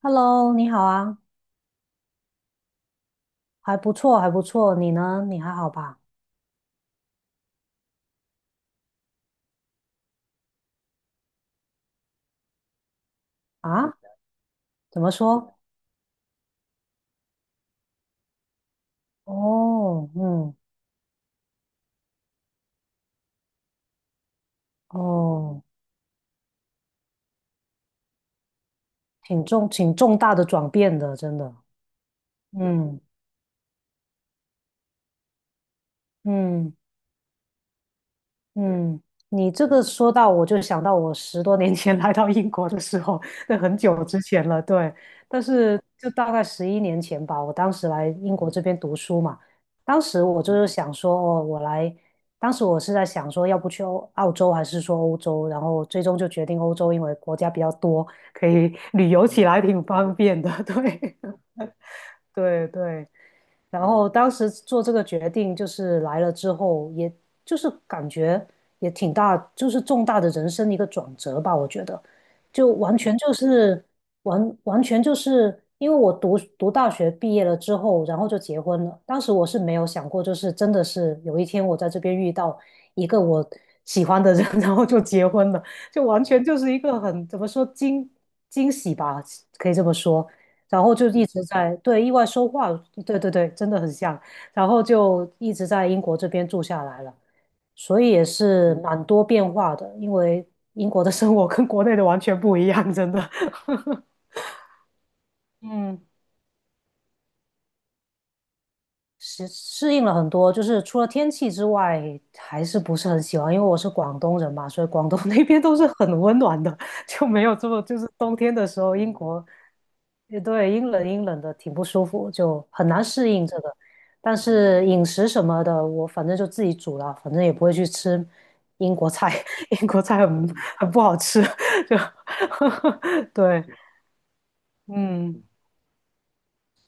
Hello，你好啊，还不错，还不错。你呢？你还好吧？啊？怎么说？哦，嗯，哦，挺重大的转变的，真的。嗯嗯。嗯，你这个说到，我就想到我10多年前 来到英国的时候，那很久之前了，对。但是就大概11年前吧，我当时来英国这边读书嘛，当时我就是想说，当时我是在想说，要不去澳洲还是说欧洲，然后最终就决定欧洲，因为国家比较多，可以旅游起来挺方便的，对，对对。然后当时做这个决定，就是来了之后，也就是感觉也挺大，就是重大的人生一个转折吧。我觉得，就完全就是完完全就是因为我读大学毕业了之后，然后就结婚了。当时我是没有想过，就是真的是有一天我在这边遇到一个我喜欢的人，然后就结婚了，就完全就是一个很怎么说惊喜吧，可以这么说。然后就一直在对意外收获，对对对，真的很像，然后就一直在英国这边住下来了，所以也是蛮多变化的，因为英国的生活跟国内的完全不一样，真的。嗯适应了很多，就是除了天气之外，还是不是很喜欢。因为我是广东人嘛，所以广东 那边都是很温暖的，就没有这么就是冬天的时候，英国，也对，阴冷阴冷的，挺不舒服，就很难适应这个。但是饮食什么的，我反正就自己煮了，反正也不会去吃英国菜，英国菜很不好吃，就 对，嗯。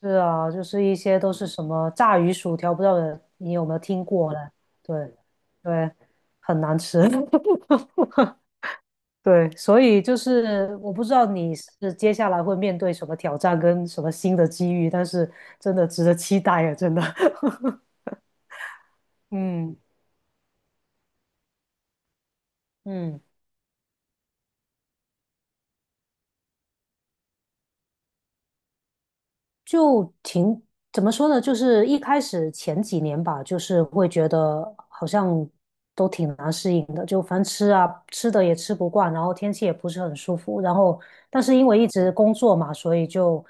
是啊，就是一些都是什么炸鱼薯条，不知道你有没有听过呢？对，对，很难吃。对，所以就是我不知道你是接下来会面对什么挑战跟什么新的机遇，但是真的值得期待啊，真的。嗯嗯。就挺，怎么说呢？就是一开始前几年吧，就是会觉得好像都挺难适应的，就反吃啊吃的也吃不惯，然后天气也不是很舒服，然后但是因为一直工作嘛，所以就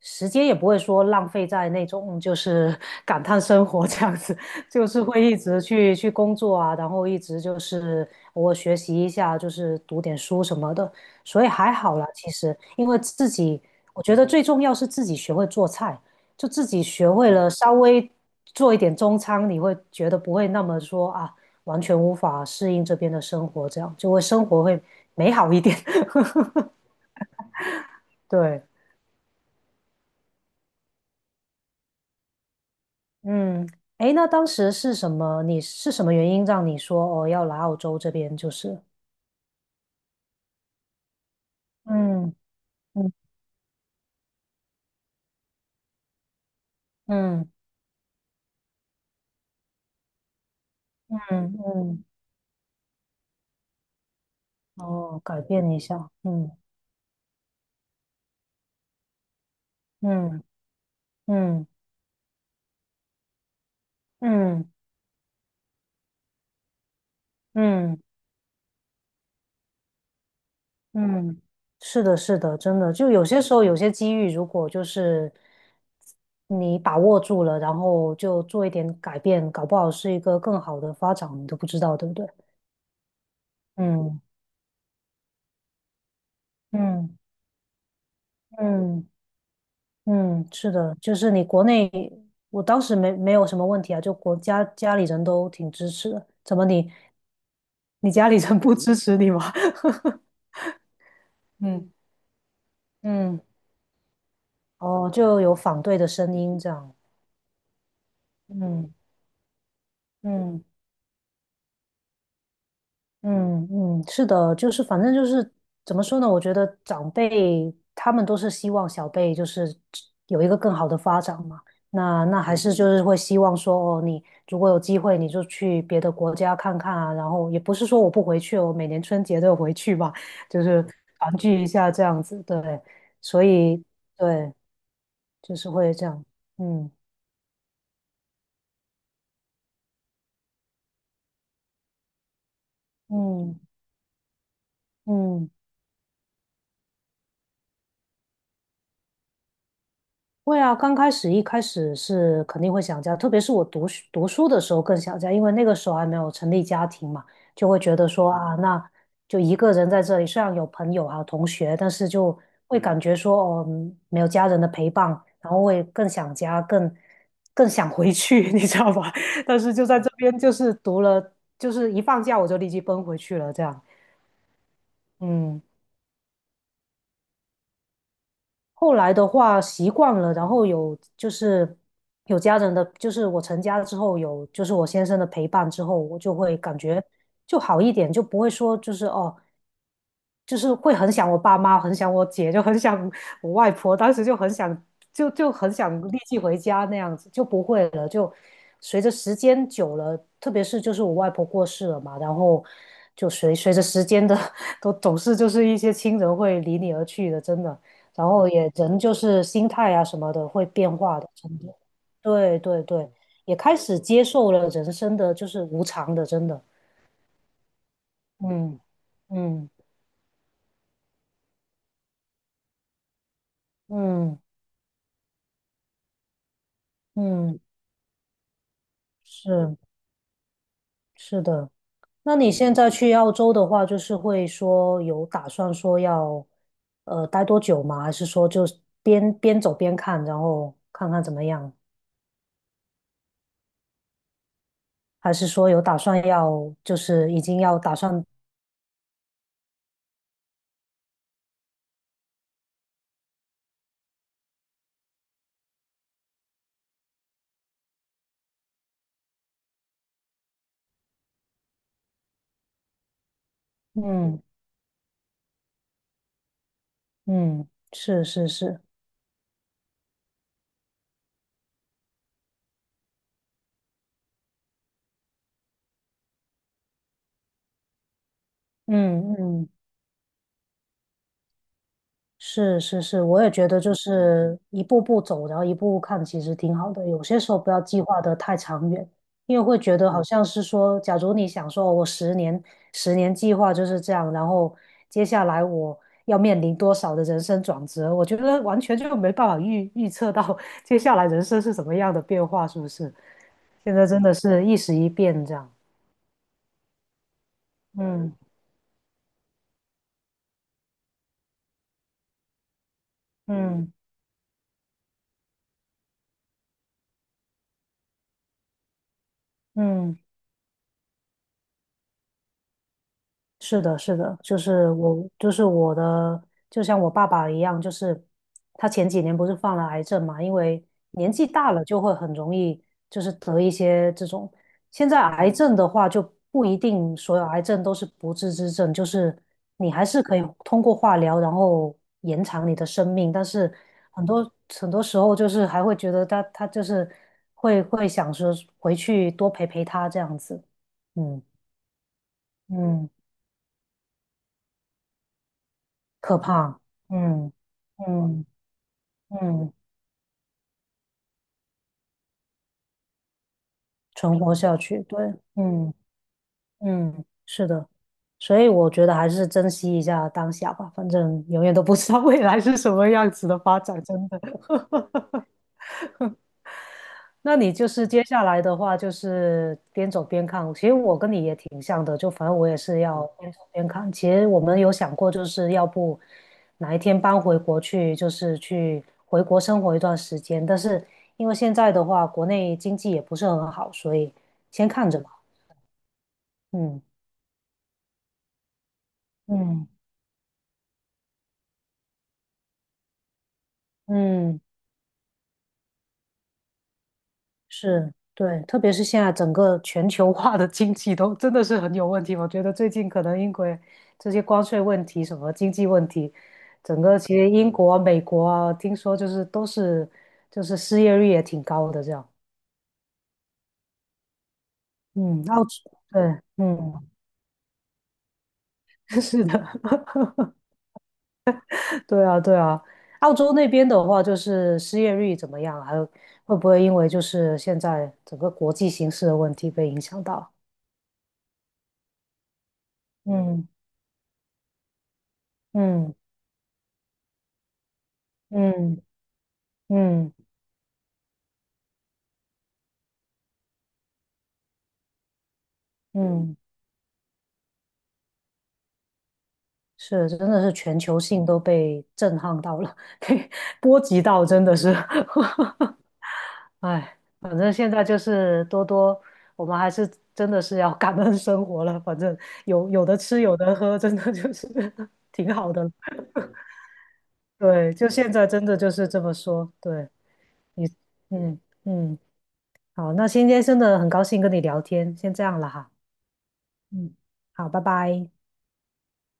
时间也不会说浪费在那种就是 感叹生活这样子，就是会一直去工作啊，然后一直就是我学习一下，就是读点书什么的，所以还好啦，其实因为自己。我觉得最重要是自己学会做菜，就自己学会了稍微做一点中餐，你会觉得不会那么说啊，完全无法适应这边的生活，这样就会生活会美好一点。对，嗯，诶，那当时是什么？你是什么原因让你说哦要来澳洲这边？就是，嗯嗯嗯嗯嗯，哦，改变一下，嗯嗯嗯嗯嗯。嗯，是的，是的，真的，就有些时候有些机遇，如果就是你把握住了，然后就做一点改变，搞不好是一个更好的发展，你都不知道，对不对？嗯嗯嗯嗯，是的，就是你国内，我当时没有什么问题啊，就国家家里人都挺支持的，怎么你你家里人不支持你吗？嗯嗯，哦，就有反对的声音这样，嗯嗯。嗯嗯，是的，就是反正就是怎么说呢？我觉得长辈他们都是希望小辈就是有一个更好的发展嘛。那那还是就是会希望说，哦，你如果有机会，你就去别的国家看看啊。然后也不是说我不回去，我每年春节都有回去吧，就是团聚一下这样子。对，所以对，就是会这样。嗯嗯嗯。会啊，刚开始一开始是肯定会想家，特别是我读书的时候更想家，因为那个时候还没有成立家庭嘛，就会觉得说啊，那就一个人在这里，虽然有朋友啊同学，但是就会感觉说哦，嗯没有家人的陪伴，然后会更想家，更想回去，你知道吧？但是就在这边，就是读了，就是一放假我就立即奔回去了，这样，嗯。后来的话习惯了，然后有就是有家人的，就是我成家了之后有就是我先生的陪伴之后，我就会感觉就好一点，就不会说就是哦。就是会很想我爸妈，很想我姐，就很想我外婆，当时就很想，就很想立即回家那样子，就不会了。就随着时间久了，特别是就是我外婆过世了嘛，然后就随着时间的 都总是就是一些亲人会离你而去的，真的。然后也人就是心态啊什么的会变化的，真的。对对对，也开始接受了人生的就是无常的，真的。嗯嗯嗯嗯。是是的，那你现在去澳洲的话，就是会说有打算说要呃待多久吗？还是说就是边走边看，然后看看怎么样？还是说有打算要就是已经要打算。嗯嗯。是是是。嗯嗯。是是是，我也觉得就是一步步走，然后一步步看，其实挺好的。有些时候不要计划的太长远，因为会觉得好像是说，假如你想说，我十年计划就是这样，然后接下来我要面临多少的人生转折，我觉得完全就没办法预测到 接下来人生是什么样的变化，是不是？现在真的是一时一变这样。嗯嗯嗯。是的，是的，就是我，就是我的，就像我爸爸一样，就是他前几年不是犯了癌症嘛，因为年纪大了就会很容易就是得一些这种。现在癌症的话就不一定所有癌症都是不治之症，就是你还是可以通过化疗然后延长你的生命，但是很多很多时候就是还会觉得他就是会想说回去多陪陪他这样子，嗯嗯。可怕，嗯嗯嗯，存活下去，对，嗯嗯，是的，所以我觉得还是珍惜一下当下吧，反正永远都不知道未来是什么样子的发展，真的。那你就是接下来的话，就是边走边看。其实我跟你也挺像的，就反正我也是要边走边看。其实我们有想过，就是要不哪一天搬回国去，就是去回国生活一段时间。但是因为现在的话，国内经济也不是很好，所以先看着吧。嗯嗯，嗯，是，对，特别是现在整个全球化的经济都真的是很有问题。我觉得最近可能英国这些关税问题、什么经济问题，整个其实英国啊、美国啊，听说就是都是就是失业率也挺高的这样。嗯，澳洲，对，嗯，是的，对啊，对啊。澳洲那边的话，就是失业率怎么样？还有会不会因为就是现在整个国际形势的问题被影响到？嗯嗯嗯嗯。嗯，是，真的是全球性都被震撼到了，被波及到，真的是，哎，反正现在就是我们还是真的是要感恩生活了，反正有的吃，有的喝，真的就是 挺好的了对，就现在真的就是这么说，对你，嗯嗯，好，那今天真的很高兴跟你聊天，先这样了哈，嗯，好，拜拜。